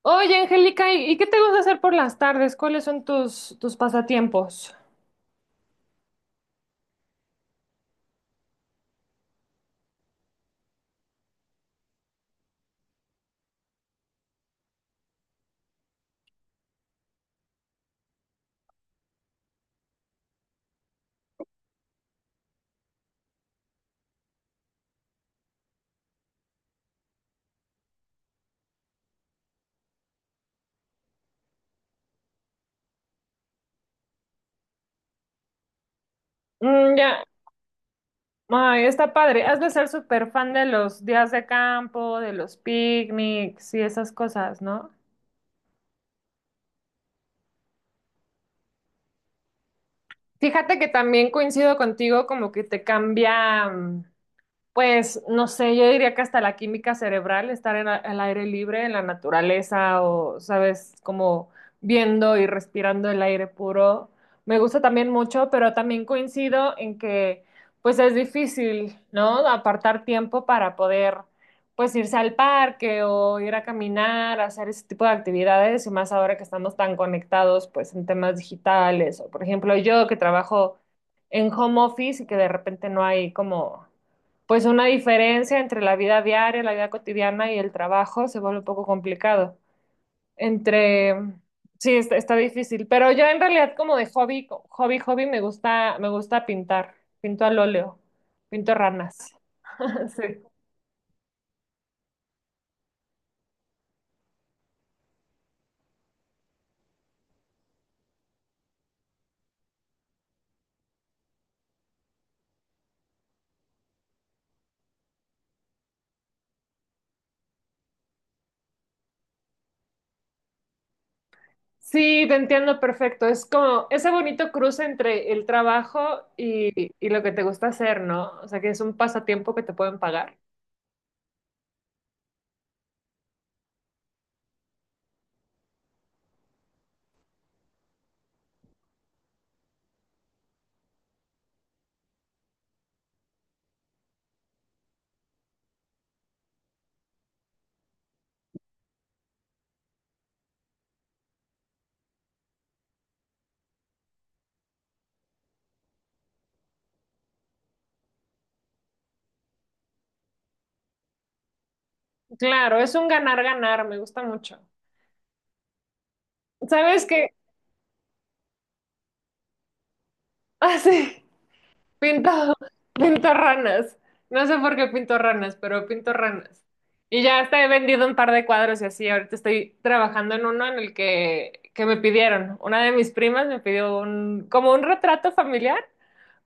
Oye, Angélica, ¿y qué te gusta hacer por las tardes? ¿Cuáles son tus pasatiempos? Mm, ya, ay, está padre. Has de ser súper fan de los días de campo, de los picnics y esas cosas, ¿no? Fíjate que también coincido contigo, como que te cambia. Pues no sé, yo diría que hasta la química cerebral, estar en al aire libre, en la naturaleza o, sabes, como viendo y respirando el aire puro, me gusta también mucho, pero también coincido en que pues es difícil, ¿no? Apartar tiempo para poder pues irse al parque o ir a caminar, hacer ese tipo de actividades y más ahora que estamos tan conectados pues en temas digitales o por ejemplo yo que trabajo en home office y que de repente no hay como pues una diferencia entre la vida diaria, la vida cotidiana y el trabajo se vuelve un poco complicado. Entre, sí, está difícil, pero yo en realidad como de hobby, hobby me gusta pintar, pinto al óleo, pinto ranas. Sí. Sí, te entiendo perfecto. Es como ese bonito cruce entre el trabajo y lo que te gusta hacer, ¿no? O sea, que es un pasatiempo que te pueden pagar. Claro, es un ganar-ganar, me gusta mucho. ¿Sabes qué? Ah, sí. Pinto, pinto ranas. No sé por qué pinto ranas, pero pinto ranas. Y ya hasta he vendido un par de cuadros y así. Ahorita estoy trabajando en uno en el que me pidieron. Una de mis primas me pidió un, como un retrato familiar,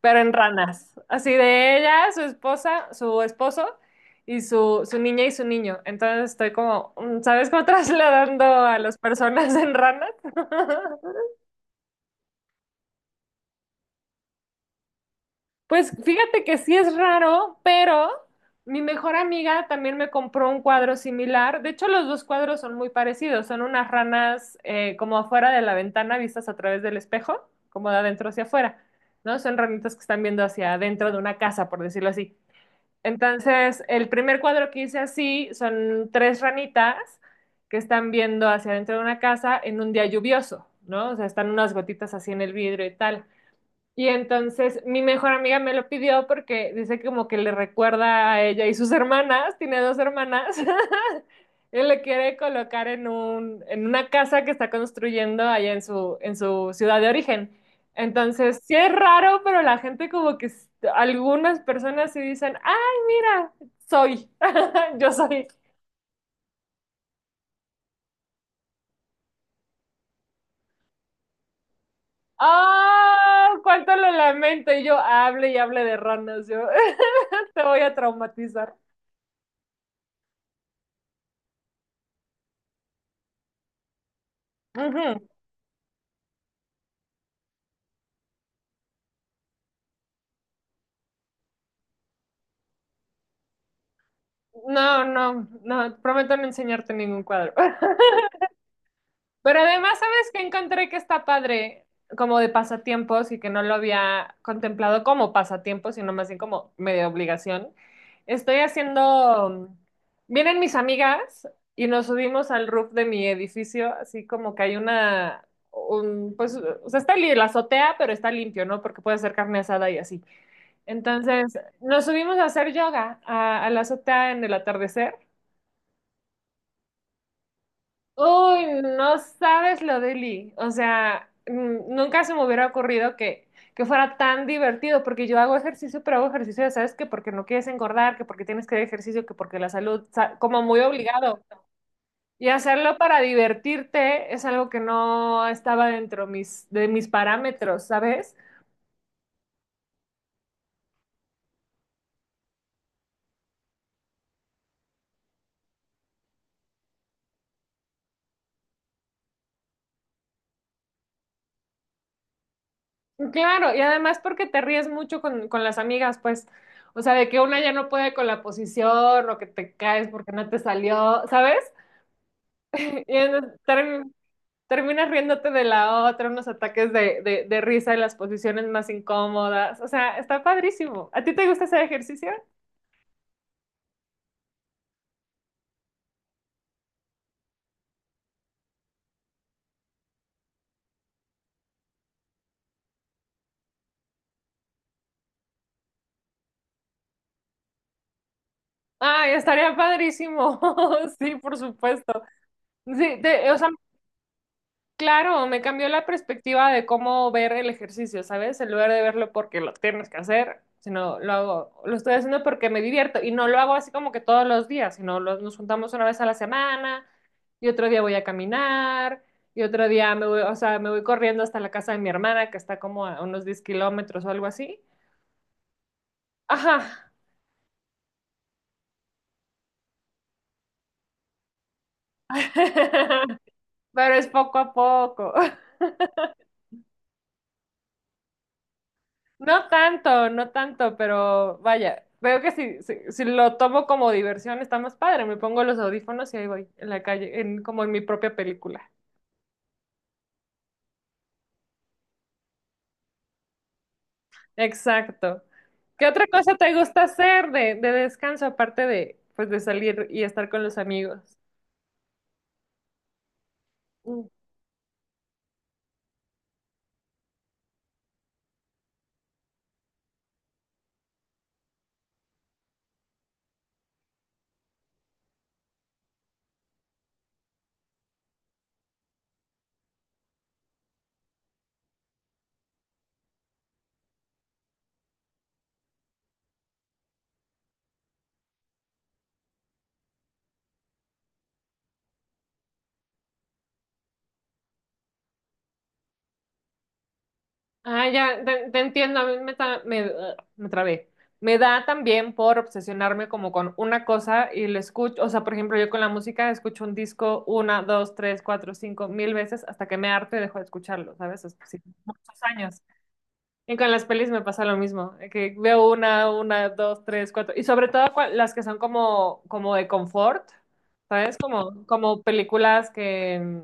pero en ranas. Así de ella, su esposa, su esposo y su niña y su niño. Entonces estoy como, mm, ¿sabes cómo trasladando a las personas en ranas? Pues fíjate que sí es raro, pero mi mejor amiga también me compró un cuadro similar. De hecho, los dos cuadros son muy parecidos. Son unas ranas como afuera de la ventana vistas a través del espejo, como de adentro hacia afuera, ¿no? Son ranitas que están viendo hacia adentro de una casa, por decirlo así. Entonces, el primer cuadro que hice así son tres ranitas que están viendo hacia adentro de una casa en un día lluvioso, ¿no? O sea, están unas gotitas así en el vidrio y tal. Y entonces mi mejor amiga me lo pidió porque dice que como que le recuerda a ella y sus hermanas, tiene dos hermanas. Él le quiere colocar en en una casa que está construyendo allá en en su ciudad de origen. Entonces, sí es raro, pero la gente como que algunas personas sí dicen, ay, mira, soy, yo soy. ¡Ah! ¡Cuánto lo lamento! Y yo hable y hable de ranas, yo te voy a traumatizar. Ujú. No, no, no, prometo no enseñarte ningún cuadro. Pero además, ¿sabes qué encontré que está padre como de pasatiempos y que no lo había contemplado como pasatiempos, sino más bien como medio obligación? Estoy haciendo, vienen mis amigas y nos subimos al roof de mi edificio, así como que hay pues, o sea, está la azotea, pero está limpio, ¿no? Porque puede hacer carne asada y así. Entonces, nos subimos a hacer yoga a la azotea en el atardecer. Uy, no sabes lo de Lee. O sea, mm, nunca se me hubiera ocurrido que fuera tan divertido, porque yo hago ejercicio, pero hago ejercicio, ya sabes que porque no quieres engordar, que porque tienes que hacer ejercicio, que porque la salud, como muy obligado. Y hacerlo para divertirte es algo que no estaba dentro de mis parámetros, ¿sabes? Claro, y además porque te ríes mucho con las amigas, pues, o sea, de que una ya no puede con la posición o que te caes porque no te salió, ¿sabes? Y entonces, terminas riéndote de la otra, unos ataques de risa en las posiciones más incómodas. O sea, está padrísimo. ¿A ti te gusta ese ejercicio? Ay, estaría padrísimo. Sí, por supuesto. Sí, o sea, claro, me cambió la perspectiva de cómo ver el ejercicio, ¿sabes? En lugar de verlo porque lo tienes que hacer, sino lo hago, lo estoy haciendo porque me divierto y no lo hago así como que todos los días, sino nos juntamos una vez a la semana y otro día voy a caminar, y otro día me voy, o sea, me voy corriendo hasta la casa de mi hermana, que está como a unos 10 kilómetros o algo así. Ajá. Pero es poco a poco. No tanto, no tanto, pero vaya, veo que si lo tomo como diversión está más padre. Me pongo los audífonos y ahí voy, en la calle, como en mi propia película. Exacto. ¿Qué otra cosa te gusta hacer de descanso aparte de, pues, de salir y estar con los amigos? Ah, ya, te entiendo, a mí me trabé. Me da también por obsesionarme como con una cosa y le escucho, o sea, por ejemplo, yo con la música escucho un disco una, dos, tres, cuatro, cinco, mil veces hasta que me harto y dejo de escucharlo, ¿sabes? Sí, muchos años. Y con las pelis me pasa lo mismo, que veo una, dos, tres, cuatro, y sobre todo las que son como, como de confort, ¿sabes? Como películas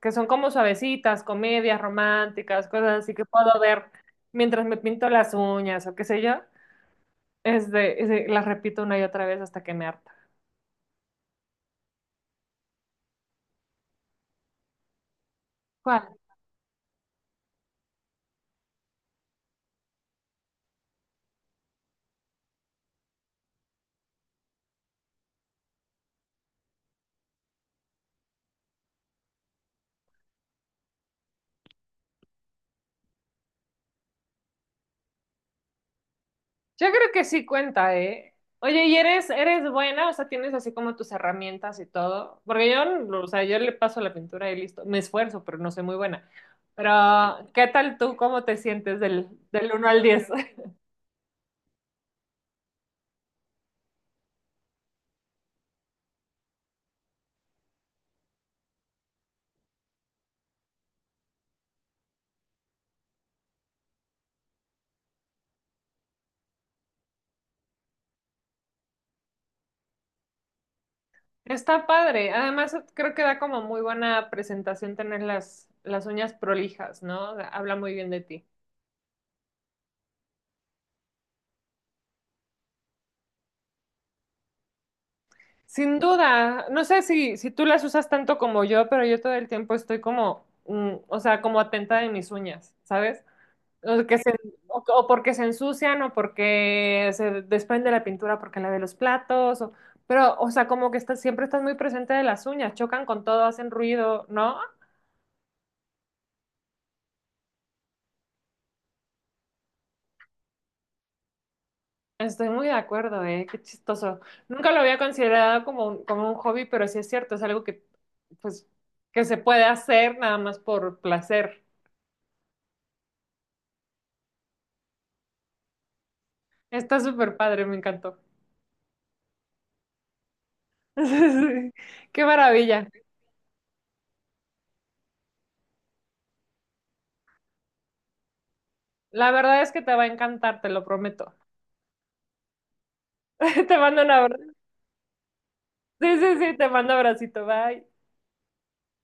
que son como suavecitas, comedias románticas, cosas así que puedo ver mientras me pinto las uñas o qué sé yo, este las repito una y otra vez hasta que me harta. ¿Cuál? Yo creo que sí cuenta, ¿eh? Oye, ¿y eres buena? O sea, tienes así como tus herramientas y todo. Porque yo, o sea, yo le paso la pintura y listo. Me esfuerzo, pero no soy muy buena. Pero, ¿qué tal tú? ¿Cómo te sientes del 1 al 10? Está padre. Además, creo que da como muy buena presentación tener las uñas prolijas, ¿no? Habla muy bien de ti. Sin duda, no sé si tú las usas tanto como yo, pero yo todo el tiempo estoy como, mm, o sea, como atenta de mis uñas, ¿sabes? O, o porque se ensucian, o porque se desprende la pintura porque la de los platos, pero, o sea, como que estás, siempre estás muy presente de las uñas, chocan con todo, hacen ruido, ¿no? Estoy muy de acuerdo, ¿eh? Qué chistoso. Nunca lo había considerado como como un hobby, pero sí es cierto, es algo pues, que se puede hacer nada más por placer. Está súper padre, me encantó. Sí, Qué maravilla. La verdad es que te va a encantar, te lo prometo. Te mando un abrazo. Sí, sí, sí, te mando abracito, bye.